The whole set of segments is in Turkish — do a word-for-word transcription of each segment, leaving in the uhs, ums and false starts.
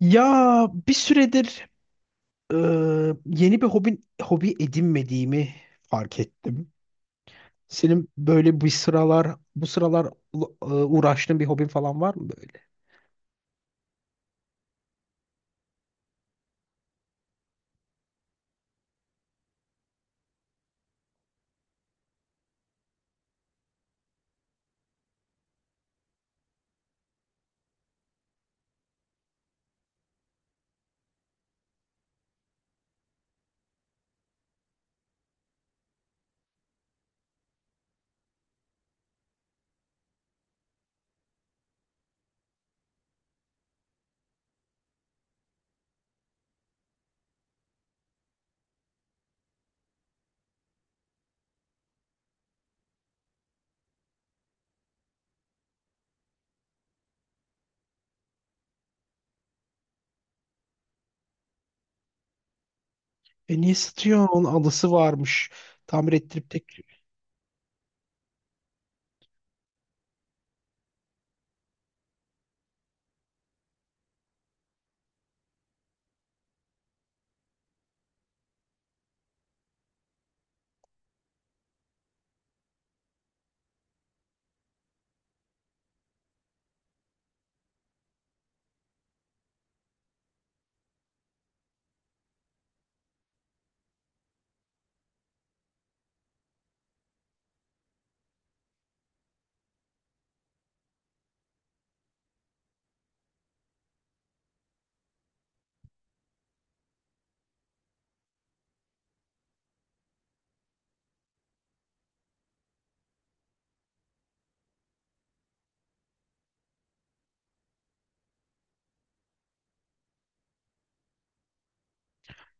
Ya bir süredir e, yeni bir hobi, hobi edinmediğimi fark ettim. Senin böyle bu sıralar bu sıralar e, uğraştığın bir hobin falan var mı böyle? E niye satıyorsun? Onun alısı varmış. Tamir ettirip tek.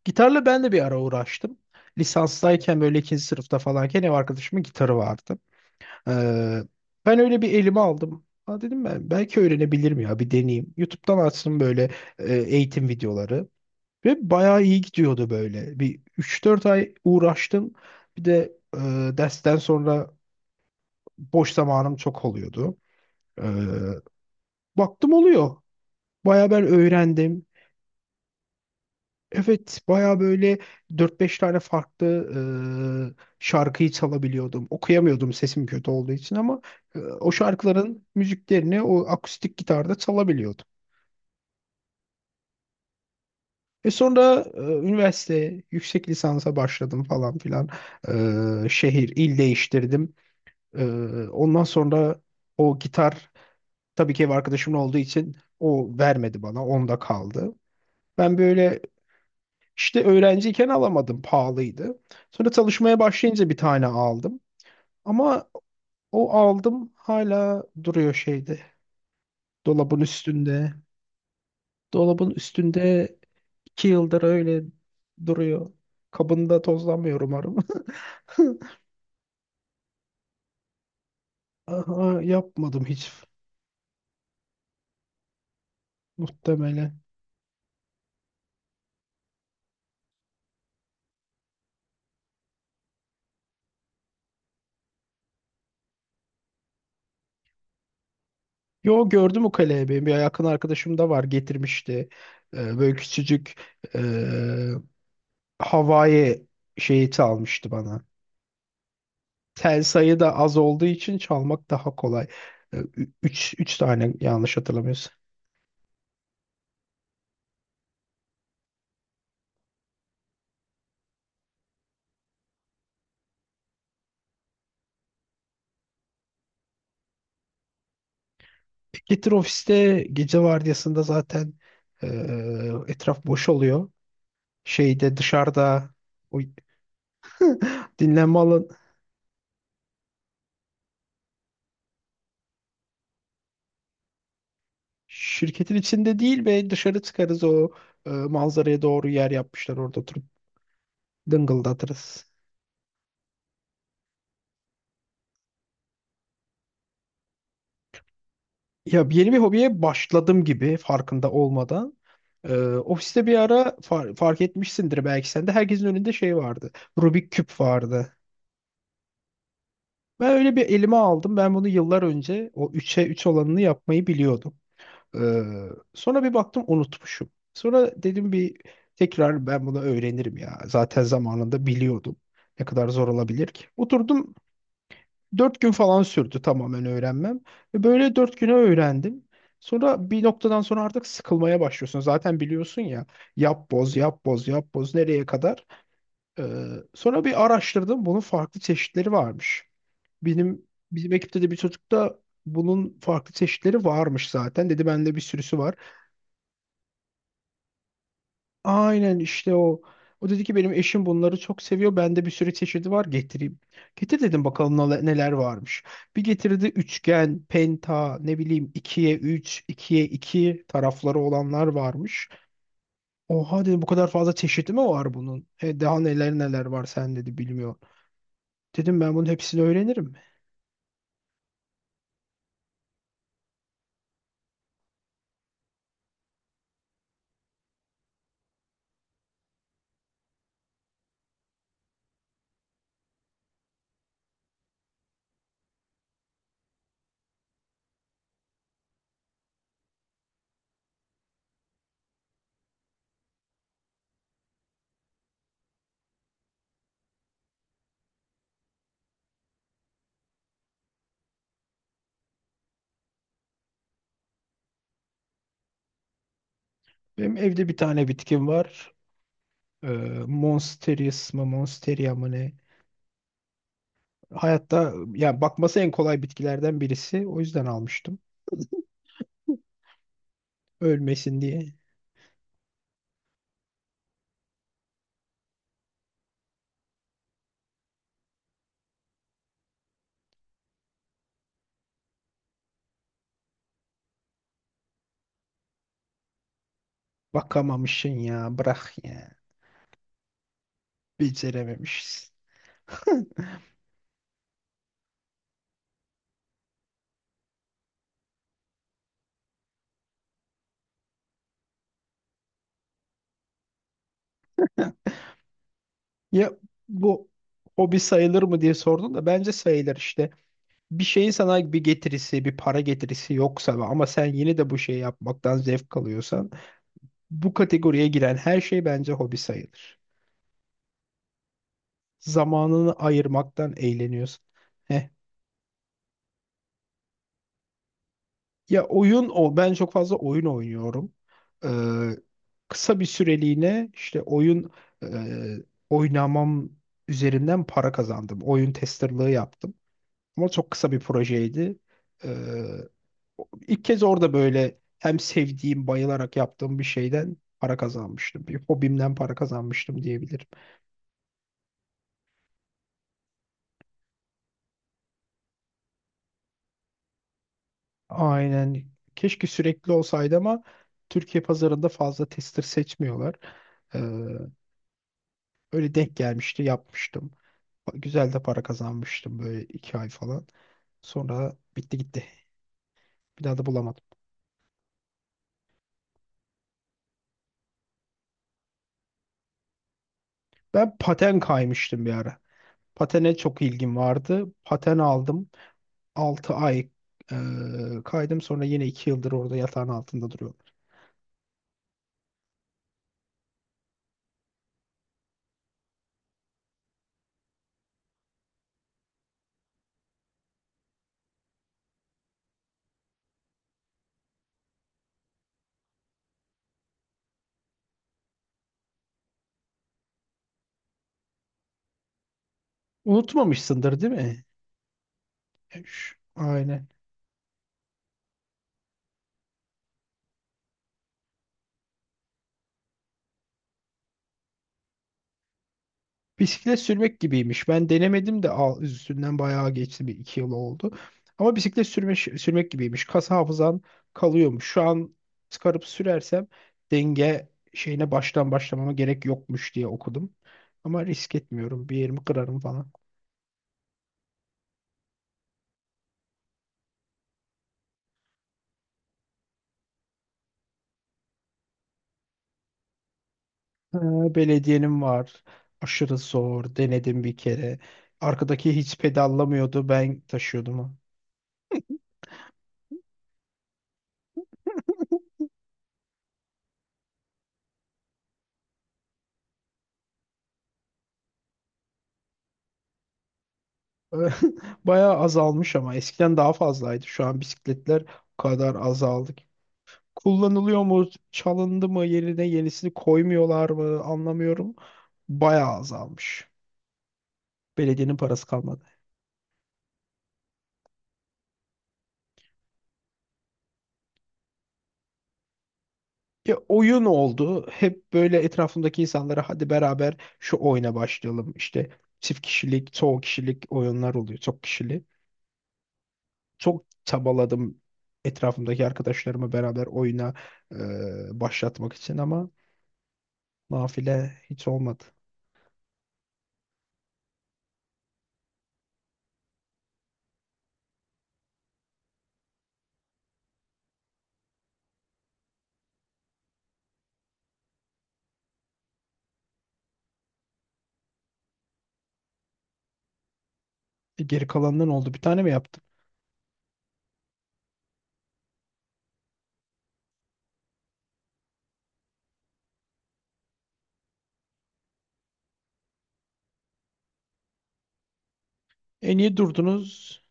Gitarla ben de bir ara uğraştım. Lisanstayken böyle ikinci sınıfta falanken ev arkadaşımın gitarı vardı. Ee, ben öyle bir elime aldım. Ha, dedim, ben belki öğrenebilirim, ya bir deneyeyim. YouTube'dan açtım böyle e, eğitim videoları. Ve bayağı iyi gidiyordu böyle. Bir üç dört ay uğraştım. Bir de e, dersten sonra boş zamanım çok oluyordu. Ee, baktım oluyor. Bayağı ben öğrendim. Evet, baya böyle dört beş tane farklı e, şarkıyı çalabiliyordum. Okuyamıyordum sesim kötü olduğu için, ama e, o şarkıların müziklerini o akustik gitarda çalabiliyordum. Ve sonra e, üniversite, yüksek lisansa başladım falan filan. E, şehir, il değiştirdim. E, ondan sonra o gitar, tabii ki ev arkadaşımın olduğu için, o vermedi bana, onda kaldı. Ben böyle İşte öğrenciyken alamadım, pahalıydı. Sonra çalışmaya başlayınca bir tane aldım. Ama o aldım hala duruyor şeyde, dolabın üstünde. Dolabın üstünde iki yıldır öyle duruyor. Kabında tozlanmıyor umarım. Aha, yapmadım hiç muhtemelen. Yo, gördüm o kaleyi, benim bir yakın arkadaşım da var, getirmişti. Ee, böyle küçücük e, Hawaii şeyi almıştı bana. Tel sayı da az olduğu için çalmak daha kolay. Üç üç tane, yanlış hatırlamıyorsun. Getir, ofiste gece vardiyasında zaten e, etraf boş oluyor. Şeyde, dışarıda o dinlenme alan, şirketin içinde değil, ve dışarı çıkarız, o e, manzaraya doğru yer yapmışlar, orada oturup dıngıldatırız. Ya, yeni bir hobiye başladım gibi farkında olmadan. Ee, ofiste bir ara far- fark etmişsindir belki sen de, herkesin önünde şey vardı. Rubik küp vardı. Ben öyle bir elime aldım. Ben bunu yıllar önce o üçe üç olanını yapmayı biliyordum. Ee, sonra bir baktım unutmuşum. Sonra dedim, bir tekrar ben bunu öğrenirim ya. Zaten zamanında biliyordum. Ne kadar zor olabilir ki? Oturdum. Dört gün falan sürdü tamamen öğrenmem. Ve böyle dört güne öğrendim. Sonra bir noktadan sonra artık sıkılmaya başlıyorsun. Zaten biliyorsun ya, yap boz, yap boz, yap boz, nereye kadar. Ee, sonra bir araştırdım, bunun farklı çeşitleri varmış. Benim bizim ekipte de bir çocuk da, bunun farklı çeşitleri varmış zaten. Dedi bende bir sürüsü var. Aynen işte o. O dedi ki, benim eşim bunları çok seviyor. Bende bir sürü çeşidi var, getireyim. Getir dedim, bakalım nala- neler varmış. Bir getirdi, üçgen, penta, ne bileyim, ikiye üç, ikiye iki tarafları olanlar varmış. Oha dedim, bu kadar fazla çeşidi mi var bunun? E, daha neler neler var, sen dedi, bilmiyorum. Dedim, ben bunun hepsini öğrenirim. Benim evde bir tane bitkim var. Ee, Monsteris mı, Monsteria mı ne? Hayatta, yani, bakması en kolay bitkilerden birisi. O yüzden almıştım. Ölmesin diye. Bakamamışsın ya. Bırak ya. Becerememişsin. Ya, bu hobi sayılır mı diye sordun da, bence sayılır işte. Bir şeyin sana bir getirisi, bir para getirisi yoksa, ve- ama sen yine de bu şeyi yapmaktan zevk alıyorsan, bu kategoriye giren her şey bence hobi sayılır. Zamanını ayırmaktan eğleniyorsun. Ya, oyun o. Ben çok fazla oyun oynuyorum. Ee, kısa bir süreliğine işte oyun e, oynamam üzerinden para kazandım. Oyun testerlığı yaptım. Ama çok kısa bir projeydi. Ee, ilk kez orada böyle hem sevdiğim, bayılarak yaptığım bir şeyden para kazanmıştım. Bir hobimden para kazanmıştım diyebilirim. Aynen. Keşke sürekli olsaydı ama Türkiye pazarında fazla tester seçmiyorlar. Ee, öyle denk gelmişti, yapmıştım. Güzel de para kazanmıştım böyle iki ay falan. Sonra bitti gitti. Bir daha da bulamadım. Ben paten kaymıştım bir ara. Patene çok ilgim vardı. Paten aldım. Altı ay e, kaydım. Sonra yine iki yıldır orada yatağın altında duruyorum. Unutmamışsındır değil mi? Üş, Aynen. Bisiklet sürmek gibiymiş. Ben denemedim de al, üstünden bayağı geçti, bir iki yıl oldu. Ama bisiklet sürme, sürmek gibiymiş. Kas hafızan kalıyormuş. Şu an çıkarıp sürersem denge şeyine baştan başlamama gerek yokmuş diye okudum. Ama risk etmiyorum. Bir yerimi kırarım falan. Ee, belediyenin var. Aşırı zor. Denedim bir kere. Arkadaki hiç pedallamıyordu. Ben taşıyordum onu. Bayağı azalmış ama eskiden daha fazlaydı. Şu an bisikletler o kadar azaldı ki. Kullanılıyor mu? Çalındı mı? Yerine yenisini koymuyorlar mı? Anlamıyorum. Bayağı azalmış. Belediyenin parası kalmadı. Ya, oyun oldu. Hep böyle etrafımdaki insanlara, hadi beraber şu oyuna başlayalım. İşte çift kişilik, çoğu kişilik oyunlar oluyor. Çok kişili. Çok çabaladım etrafımdaki arkadaşlarımı beraber oyuna e, başlatmak için ama nafile, hiç olmadı. E, geri kalanından oldu. Bir tane mi yaptım? E niye durdunuz?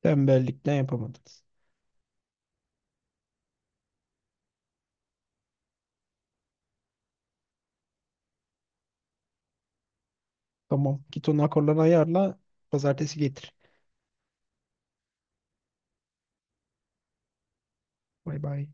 Tembellikten yapamadınız. Tamam. Git onun akorlarını ayarla. Pazartesi getir. Bay bay.